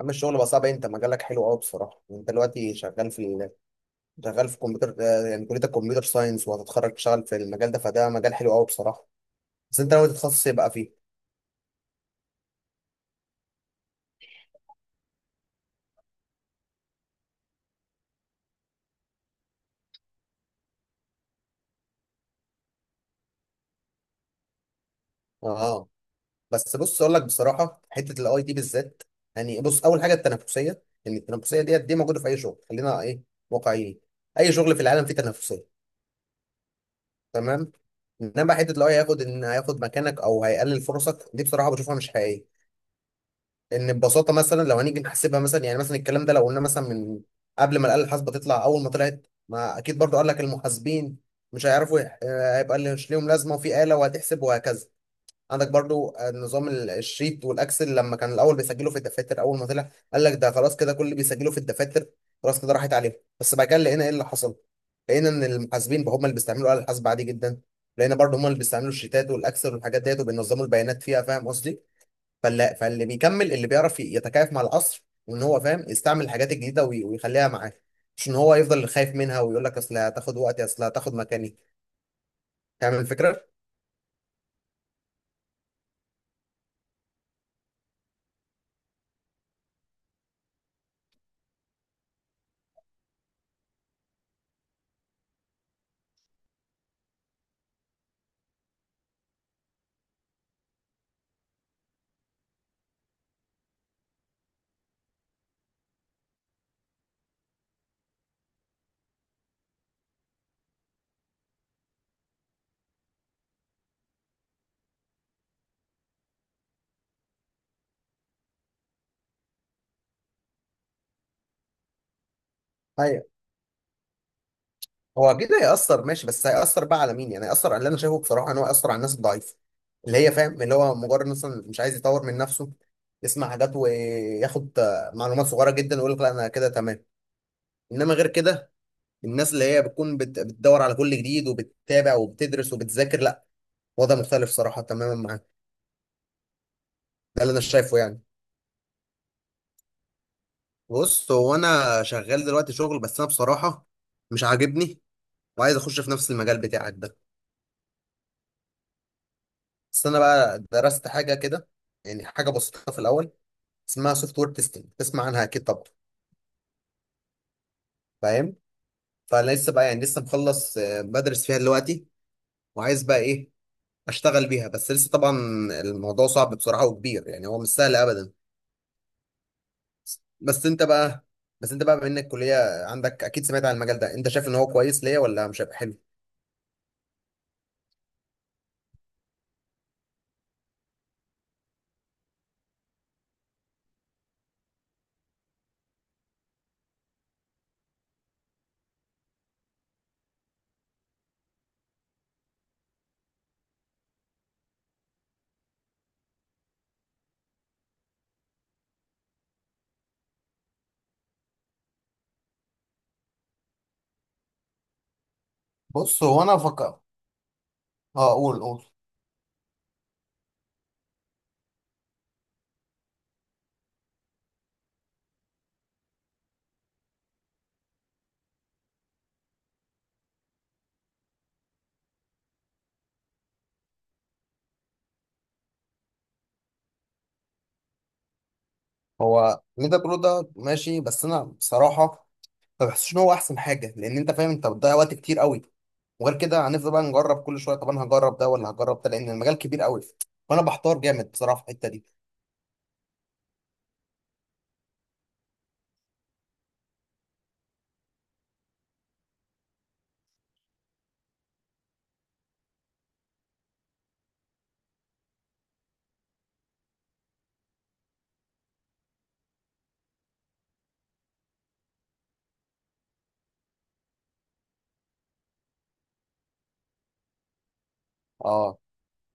عم، الشغل بقى صعب. انت مجالك حلو قوي بصراحه. انت دلوقتي شغال في كمبيوتر، يعني كليه الكمبيوتر ساينس، وهتتخرج تشتغل في المجال ده، فده مجال حلو قوي بصراحه. بس انت ناوي تتخصص يبقى فيه. اه. بس بص، اقول لك بصراحه، حته الاي تي بالذات، يعني بص، اول حاجه التنافسيه، يعني التنافسيه ديت دي موجوده في اي شغل، خلينا ايه، واقعيين. اي شغل في العالم فيه تنافسيه، تمام. انما حته الاي هياخد هياخد مكانك او هيقلل فرصك، دي بصراحه بشوفها مش حقيقيه. ان ببساطه مثلا، لو هنيجي نحسبها مثلا، يعني مثلا الكلام ده، لو قلنا مثلا، من قبل ما الاله الحاسبه تطلع، اول ما طلعت، ما اكيد برضو قال لك المحاسبين مش هيعرفوا هيبقى مش ليهم لازمه، وفي اله وهتحسب وهكذا. عندك برضو، نظام الشيت والاكسل، لما كان الاول بيسجلوا في الدفاتر، اول ما طلع قال لك ده خلاص كده، كل اللي بيسجلوا في الدفاتر خلاص كده راحت عليهم. بس بعد كده لقينا ايه اللي حصل؟ لقينا ان المحاسبين بقى هم اللي بيستعملوا الاله الحاسبه عادي جدا. لقينا برضو هم اللي بيستعملوا الشيتات والاكسل والحاجات ديت، وبينظموا البيانات فيها. فاهم قصدي؟ فاللي بيكمل اللي بيعرف يتكيف مع العصر، وان هو فاهم يستعمل الحاجات الجديده ويخليها معاه، مش ان هو يفضل خايف منها ويقول لك اصل هتاخد وقتي، اصل هتاخد مكاني. فاهم الفكره؟ ايوه. هو اكيد هيأثر ماشي، بس هيأثر بقى على مين؟ يعني هيأثر على اللي انا شايفه بصراحه ان هو هيأثر على الناس الضعيفه، اللي هي، فاهم، اللي هو مجرد مثلا مش عايز يطور من نفسه، يسمع حاجات وياخد معلومات صغيره جدا ويقول لك لا انا كده تمام. انما غير كده، الناس اللي هي بتكون بتدور على كل جديد، وبتتابع وبتدرس وبتذاكر، لا، وضع مختلف صراحه تماما معاك. ده اللي انا شايفه يعني. بص، هو انا شغال دلوقتي شغل، بس انا بصراحه مش عاجبني، وعايز اخش في نفس المجال بتاعك ده. بس انا بقى درست حاجه كده، يعني حاجه بسيطه في الاول، اسمها سوفت وير تيستنج، تسمع عنها اكيد طبعا. فاهم. فانا لسه بقى، يعني لسه مخلص، بدرس فيها دلوقتي، وعايز بقى ايه، اشتغل بيها، بس لسه طبعا الموضوع صعب بصراحه وكبير، يعني هو مش سهل ابدا. بس انت بقى بس انت بقى، بما انك كليه عندك، اكيد سمعت عن المجال ده، انت شايف ان هو كويس ليا، ولا مش هيبقى حلو؟ بص هو انا فكر. اه، قول قول. هو ليدا برو ده ماشي، بس انا بصراحه ما بحسش ان هو احسن حاجه، لان انت فاهم، انت بتضيع وقت كتير قوي. وغير كده هنفضل بقى نجرب كل شويه، طب انا هجرب ده ولا هجرب ده، لان المجال كبير قوي، فانا بحتار جامد بصراحه في الحته دي. اه،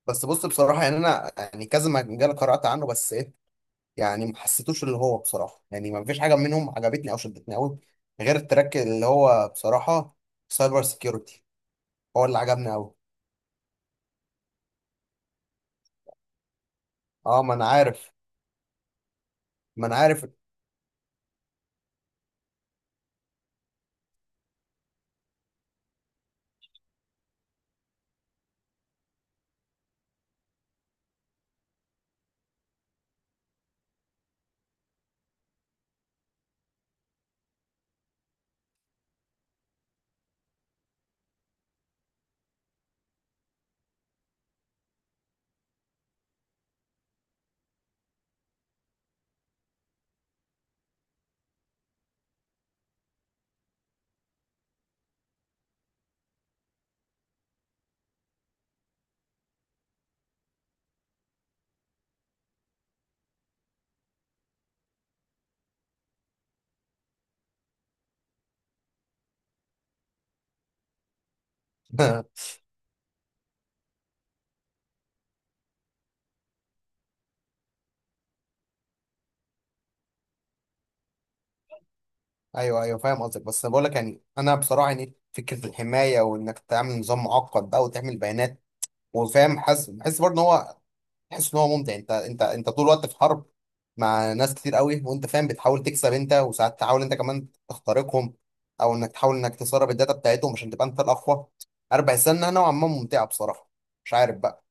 بس بص بصراحه يعني، انا يعني كذا مجال قرات عنه، بس ايه، يعني ما حسيتوش اللي هو، بصراحه يعني، ما فيش حاجه منهم عجبتني او شدتني قوي، غير التراك اللي هو بصراحه سايبر سيكيورتي، هو اللي عجبني قوي. اه، ما انا عارف. ما انا عارف. ايوه، ايوه، فاهم قصدك. بس انا بقول لك، يعني انا بصراحه، يعني فكره الحمايه وانك تعمل نظام معقد بقى، وتعمل بيانات وفاهم، حاسس، بحس برضه ان هو، تحس ان هو ممتع، انت، انت طول الوقت في حرب مع ناس كتير قوي، وانت فاهم بتحاول تكسب انت، وساعات تحاول انت كمان تخترقهم، او انك تحاول انك تسرب الداتا بتاعتهم عشان تبقى انت الاقوى. انا بحس انها نوعا ما ممتعه بصراحه، مش عارف بقى.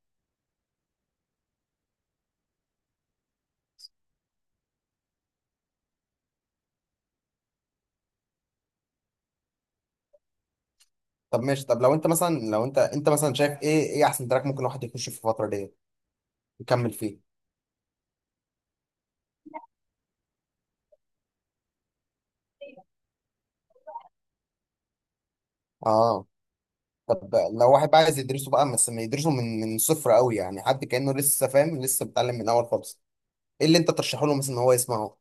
طب ماشي، طب لو انت مثلا، شايف ايه، ايه احسن تراك ممكن الواحد يخش في الفتره دي، يكمل فيه؟ اه، طب لو واحد عايز يدرسه بقى، بس ما يدرسه من صفر قوي، يعني حد كأنه لسه فاهم، لسه بيتعلم من اول خالص، ايه اللي انت ترشحه له مثلا ان هو يسمعه؟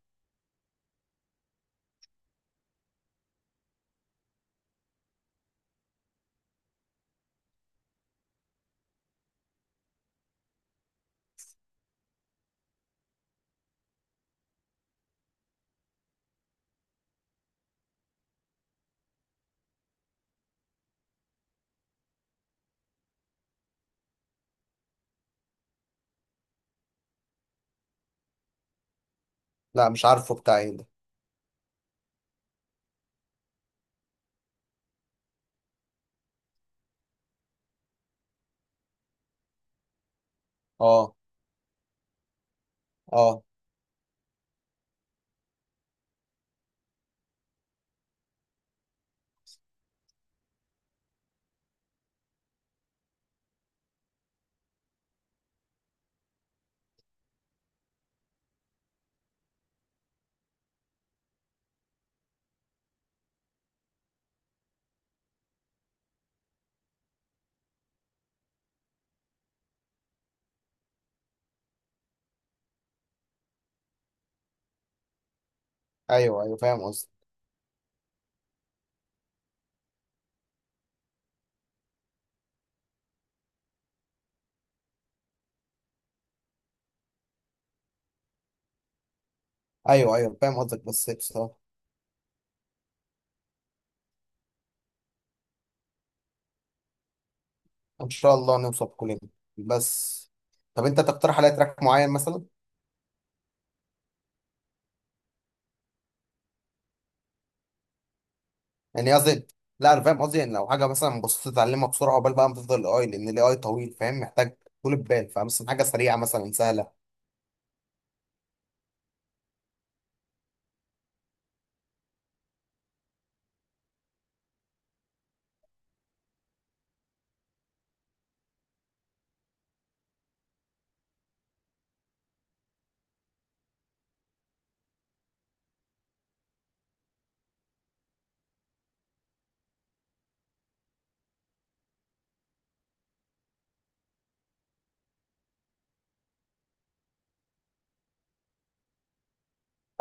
لا مش عارفه بتاع ايه ده. اه. اه. ايوه، ايوه، فاهم قصدك. ايوه، ايوه، فاهم قصدك، بس بصراحه. ان شاء الله نوصل كلنا. بس، طب انت تقترح عليا تراك معين مثلا؟ يعني قصدي، لا انا فاهم قصدي، يعني لو حاجه مثلا بسيطه تتعلمها بسرعه، قبل بقى ما تفضل الاي، لان الاي طويل فاهم، محتاج طول البال، فمثلا حاجه سريعه مثلا، سهله.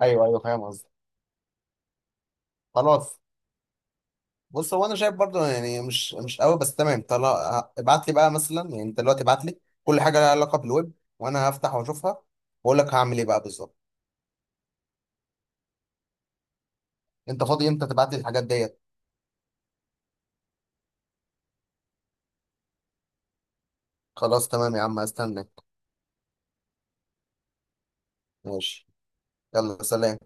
ايوه، ايوه، فاهم قصدك. خلاص. بص هو انا شايف برضو يعني مش قوي، بس تمام، طلع ابعت لي بقى مثلا، يعني انت دلوقتي ابعت لي كل حاجه لها علاقه بالويب، وانا هفتح واشوفها واقول لك هعمل ايه بقى بالظبط. انت فاضي امتى تبعت لي الحاجات ديت؟ خلاص تمام يا عم، استنى. ماشي. يلا سلام.